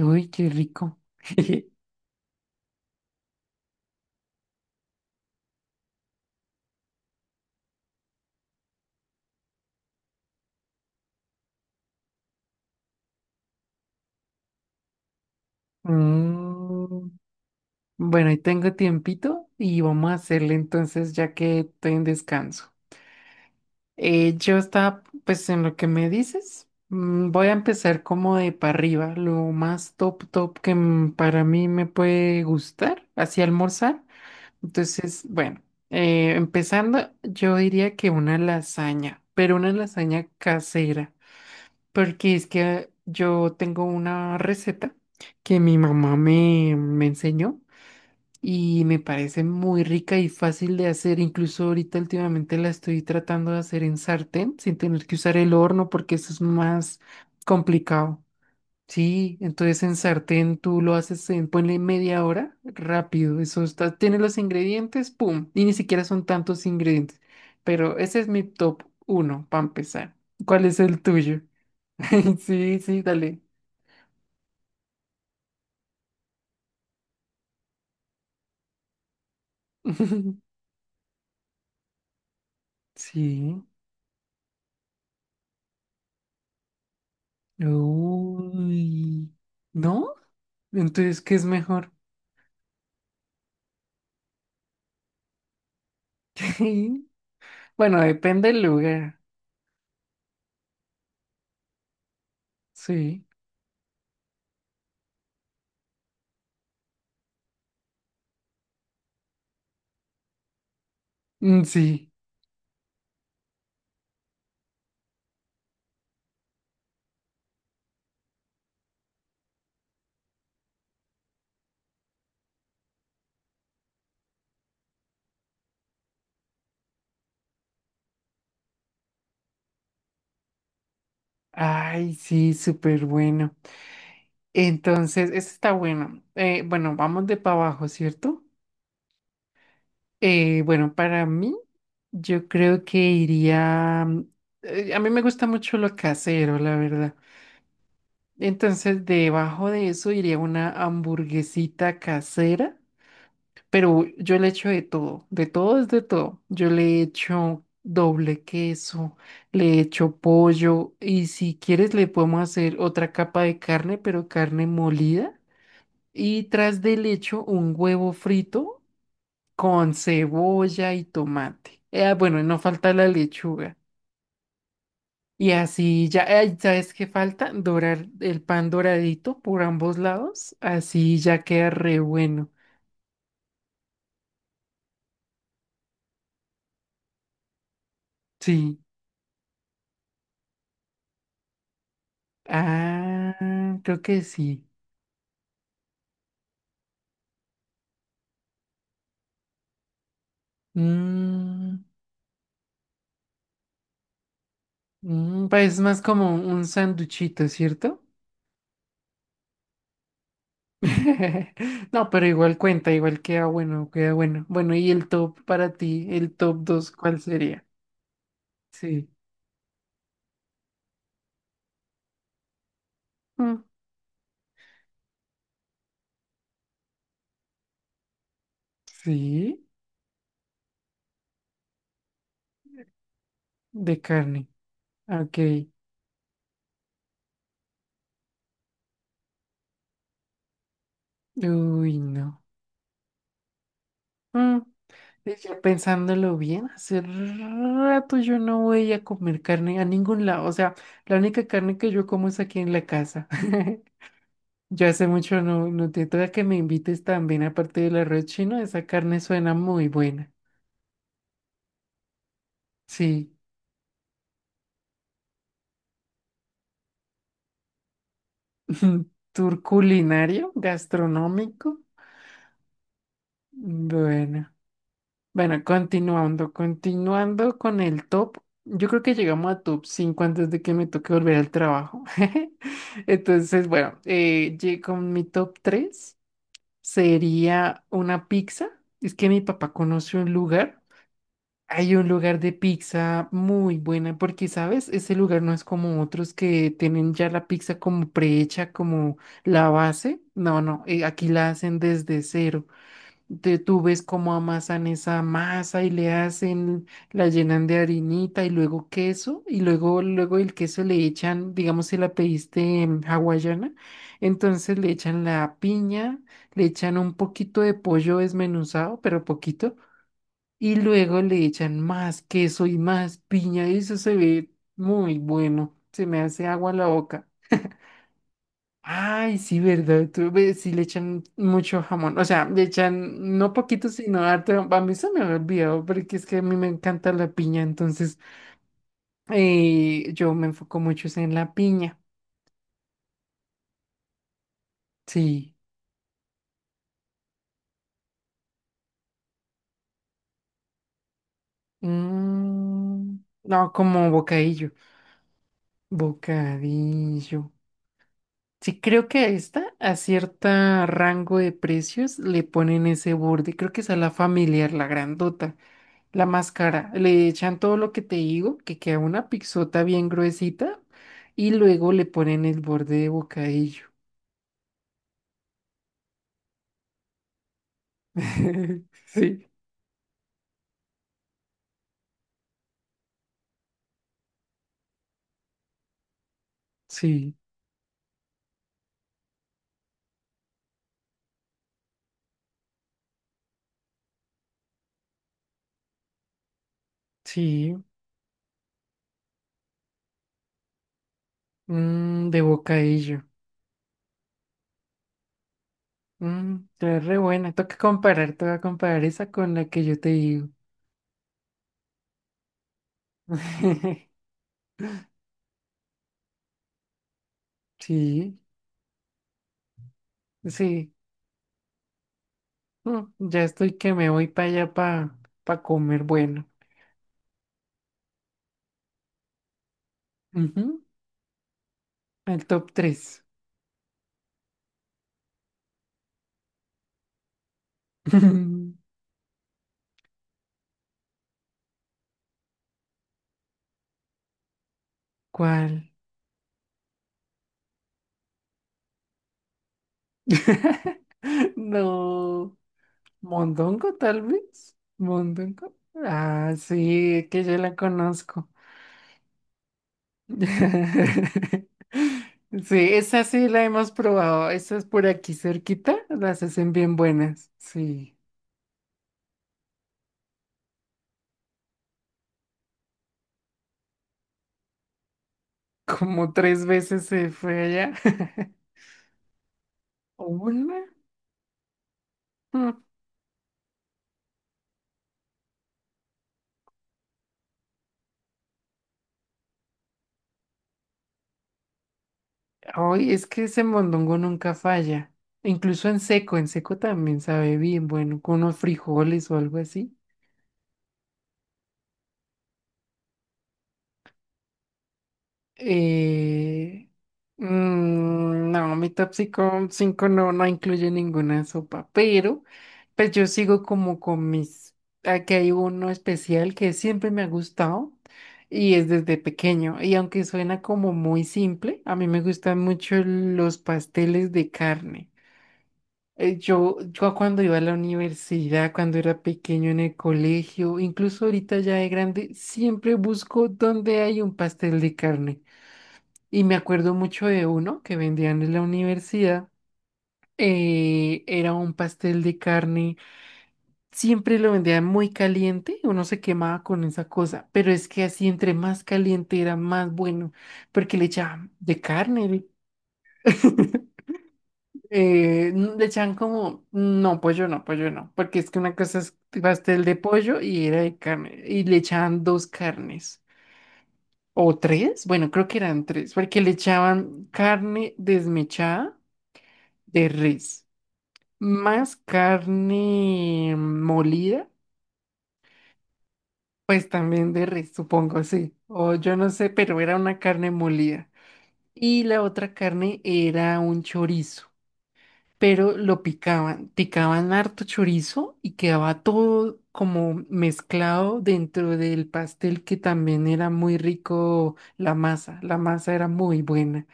Uy, qué rico. Mm, bueno, ahí tengo tiempito y vamos a hacerle entonces ya que estoy en descanso. Yo estaba, pues en lo que me dices, voy a empezar como de para arriba, lo más top top que para mí me puede gustar, así almorzar. Entonces, bueno, empezando, yo diría que una lasaña, pero una lasaña casera. Porque es que yo tengo una receta que mi mamá me enseñó y me parece muy rica y fácil de hacer. Incluso ahorita últimamente la estoy tratando de hacer en sartén sin tener que usar el horno porque eso es más complicado. Sí, entonces en sartén tú lo haces en, ponle media hora, rápido. Eso está, tiene los ingredientes, pum. Y ni siquiera son tantos ingredientes. Pero ese es mi top uno para empezar. ¿Cuál es el tuyo? Sí, sí, dale. Sí. Uy. ¿No? Entonces, ¿qué es mejor? Bueno, depende del lugar. Sí. Mm, sí. Ay, sí, súper bueno. Entonces, este está bueno. Bueno, vamos de para abajo, ¿cierto? Bueno, para mí, yo creo que iría. A mí me gusta mucho lo casero, la verdad. Entonces, debajo de eso iría una hamburguesita casera. Pero yo le echo de todo es de todo. Yo le echo doble queso, le echo pollo y si quieres le podemos hacer otra capa de carne, pero carne molida. Y tras del echo un huevo frito con cebolla y tomate. Bueno, y no falta la lechuga. Y así ya, ay, ¿sabes qué falta? Dorar el pan doradito por ambos lados. Así ya queda re bueno. Sí. Ah, creo que sí. Mm, pues es más como un sanduchito, ¿cierto? No, pero igual cuenta, igual queda bueno, queda bueno. Bueno, ¿y el top para ti, el top 2, cuál sería? Sí. Mm, sí, de carne. Ok. Uy, no. Mm, y ya pensándolo bien, hace rato yo no voy a comer carne a ningún lado. O sea, la única carne que yo como es aquí en la casa. Yo hace mucho no, no te toca que me invites también, aparte del arroz chino, esa carne suena muy buena. Sí, tour culinario, gastronómico. Bueno, bueno, continuando, continuando con el top. Yo creo que llegamos a top 5 antes de que me toque volver al trabajo. Entonces, bueno, con mi top 3 sería una pizza. Es que mi papá conoce un lugar. Hay un lugar de pizza muy buena porque, ¿sabes? Ese lugar no es como otros que tienen ya la pizza como prehecha, como la base. No, no, aquí la hacen desde cero. Tú ves cómo amasan esa masa y le hacen, la llenan de harinita y luego queso y luego el queso le echan, digamos si la pediste hawaiana, entonces le echan la piña, le echan un poquito de pollo desmenuzado, pero poquito y luego le echan más queso y más piña. Y eso se ve muy bueno. Se me hace agua la boca. Ay, sí, ¿verdad? Tú ves, sí le echan mucho jamón. O sea, le echan no poquito, sino harto. A mí se me había olvidado, porque es que a mí me encanta la piña. Entonces, yo me enfoco mucho es en la piña. Sí. Mm, no, como bocadillo. Bocadillo. Sí, creo que a esta, a cierta rango de precios, le ponen ese borde. Creo que esa es la familiar, la grandota, la más cara. Le echan todo lo que te digo, que queda una pixota bien gruesita, y luego le ponen el borde de bocadillo. Sí, sí, sí. Mm, de bocadillo. Mm, está re buena. Toca comparar esa con la que yo te digo. Sí, sí. No, ya estoy que me voy para allá para comer bueno. Ujú, al top tres. ¿Cuál? No. ¿Mondongo tal vez? ¿Mondongo? Ah, sí, es que yo la conozco. Sí, esa sí la hemos probado. Esa es por aquí cerquita. Las hacen bien buenas. Sí. Como tres veces se fue allá. ¿Una? No. Ay, es que ese mondongo nunca falla. Incluso en seco también sabe bien, bueno, con unos frijoles o algo así. Eh, no, mi top cinco cinco no, no incluye ninguna sopa, pero pues yo sigo como con mis... Aquí hay uno especial que siempre me ha gustado y es desde pequeño. Y aunque suena como muy simple, a mí me gustan mucho los pasteles de carne. Yo cuando iba a la universidad, cuando era pequeño en el colegio, incluso ahorita ya de grande, siempre busco donde hay un pastel de carne. Y me acuerdo mucho de uno que vendían en la universidad. Era un pastel de carne, siempre lo vendían muy caliente, uno se quemaba con esa cosa, pero es que así entre más caliente era más bueno, porque le echaban de carne. Le echan como, no, pollo no, pollo no, porque es que una cosa es pastel de pollo y era de carne, y le echaban dos carnes, o tres, bueno, creo que eran tres, porque le echaban carne desmechada de res, más carne molida, pues también de res, supongo, sí, o yo no sé, pero era una carne molida, y la otra carne era un chorizo. Pero lo picaban, picaban harto chorizo y quedaba todo como mezclado dentro del pastel que también era muy rico la masa era muy buena.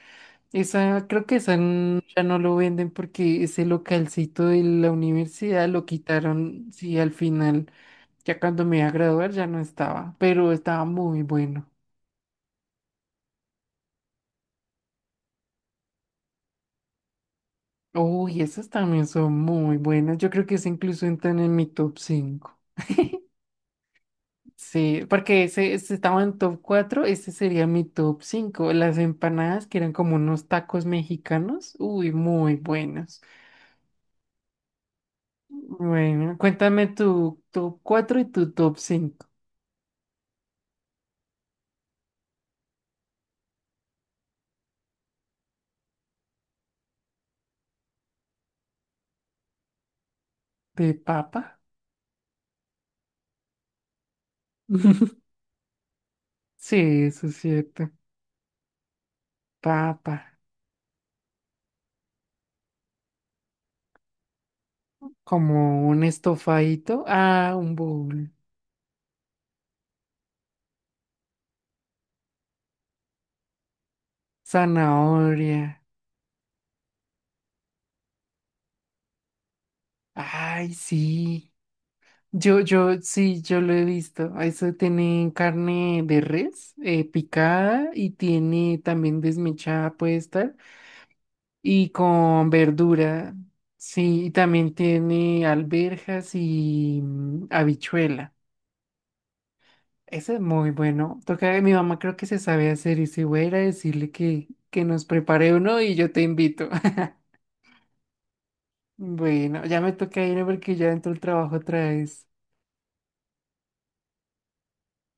Esa, creo que ya no lo venden porque ese localcito de la universidad lo quitaron, sí, al final, ya cuando me iba a graduar ya no estaba, pero estaba muy bueno. Uy, esas también son muy buenas. Yo creo que esas incluso entran en mi top 5. Sí, porque ese estaba en top cuatro, este sería mi top 5. Las empanadas que eran como unos tacos mexicanos, uy, muy buenos. Bueno, cuéntame tu top cuatro y tu top cinco de papa. Sí, eso es cierto. Papa, como un estofadito, ah, un bowl, zanahoria. Ay, sí. Sí, yo lo he visto. Eso tiene carne de res picada y tiene también desmechada, puede estar, y con verdura. Sí, y también tiene alberjas y habichuela. Eso es muy bueno. Toca, mi mamá creo que se sabe hacer y si voy a ir a decirle que nos prepare uno y yo te invito. Bueno, ya me toca ir porque ya entró el trabajo otra vez.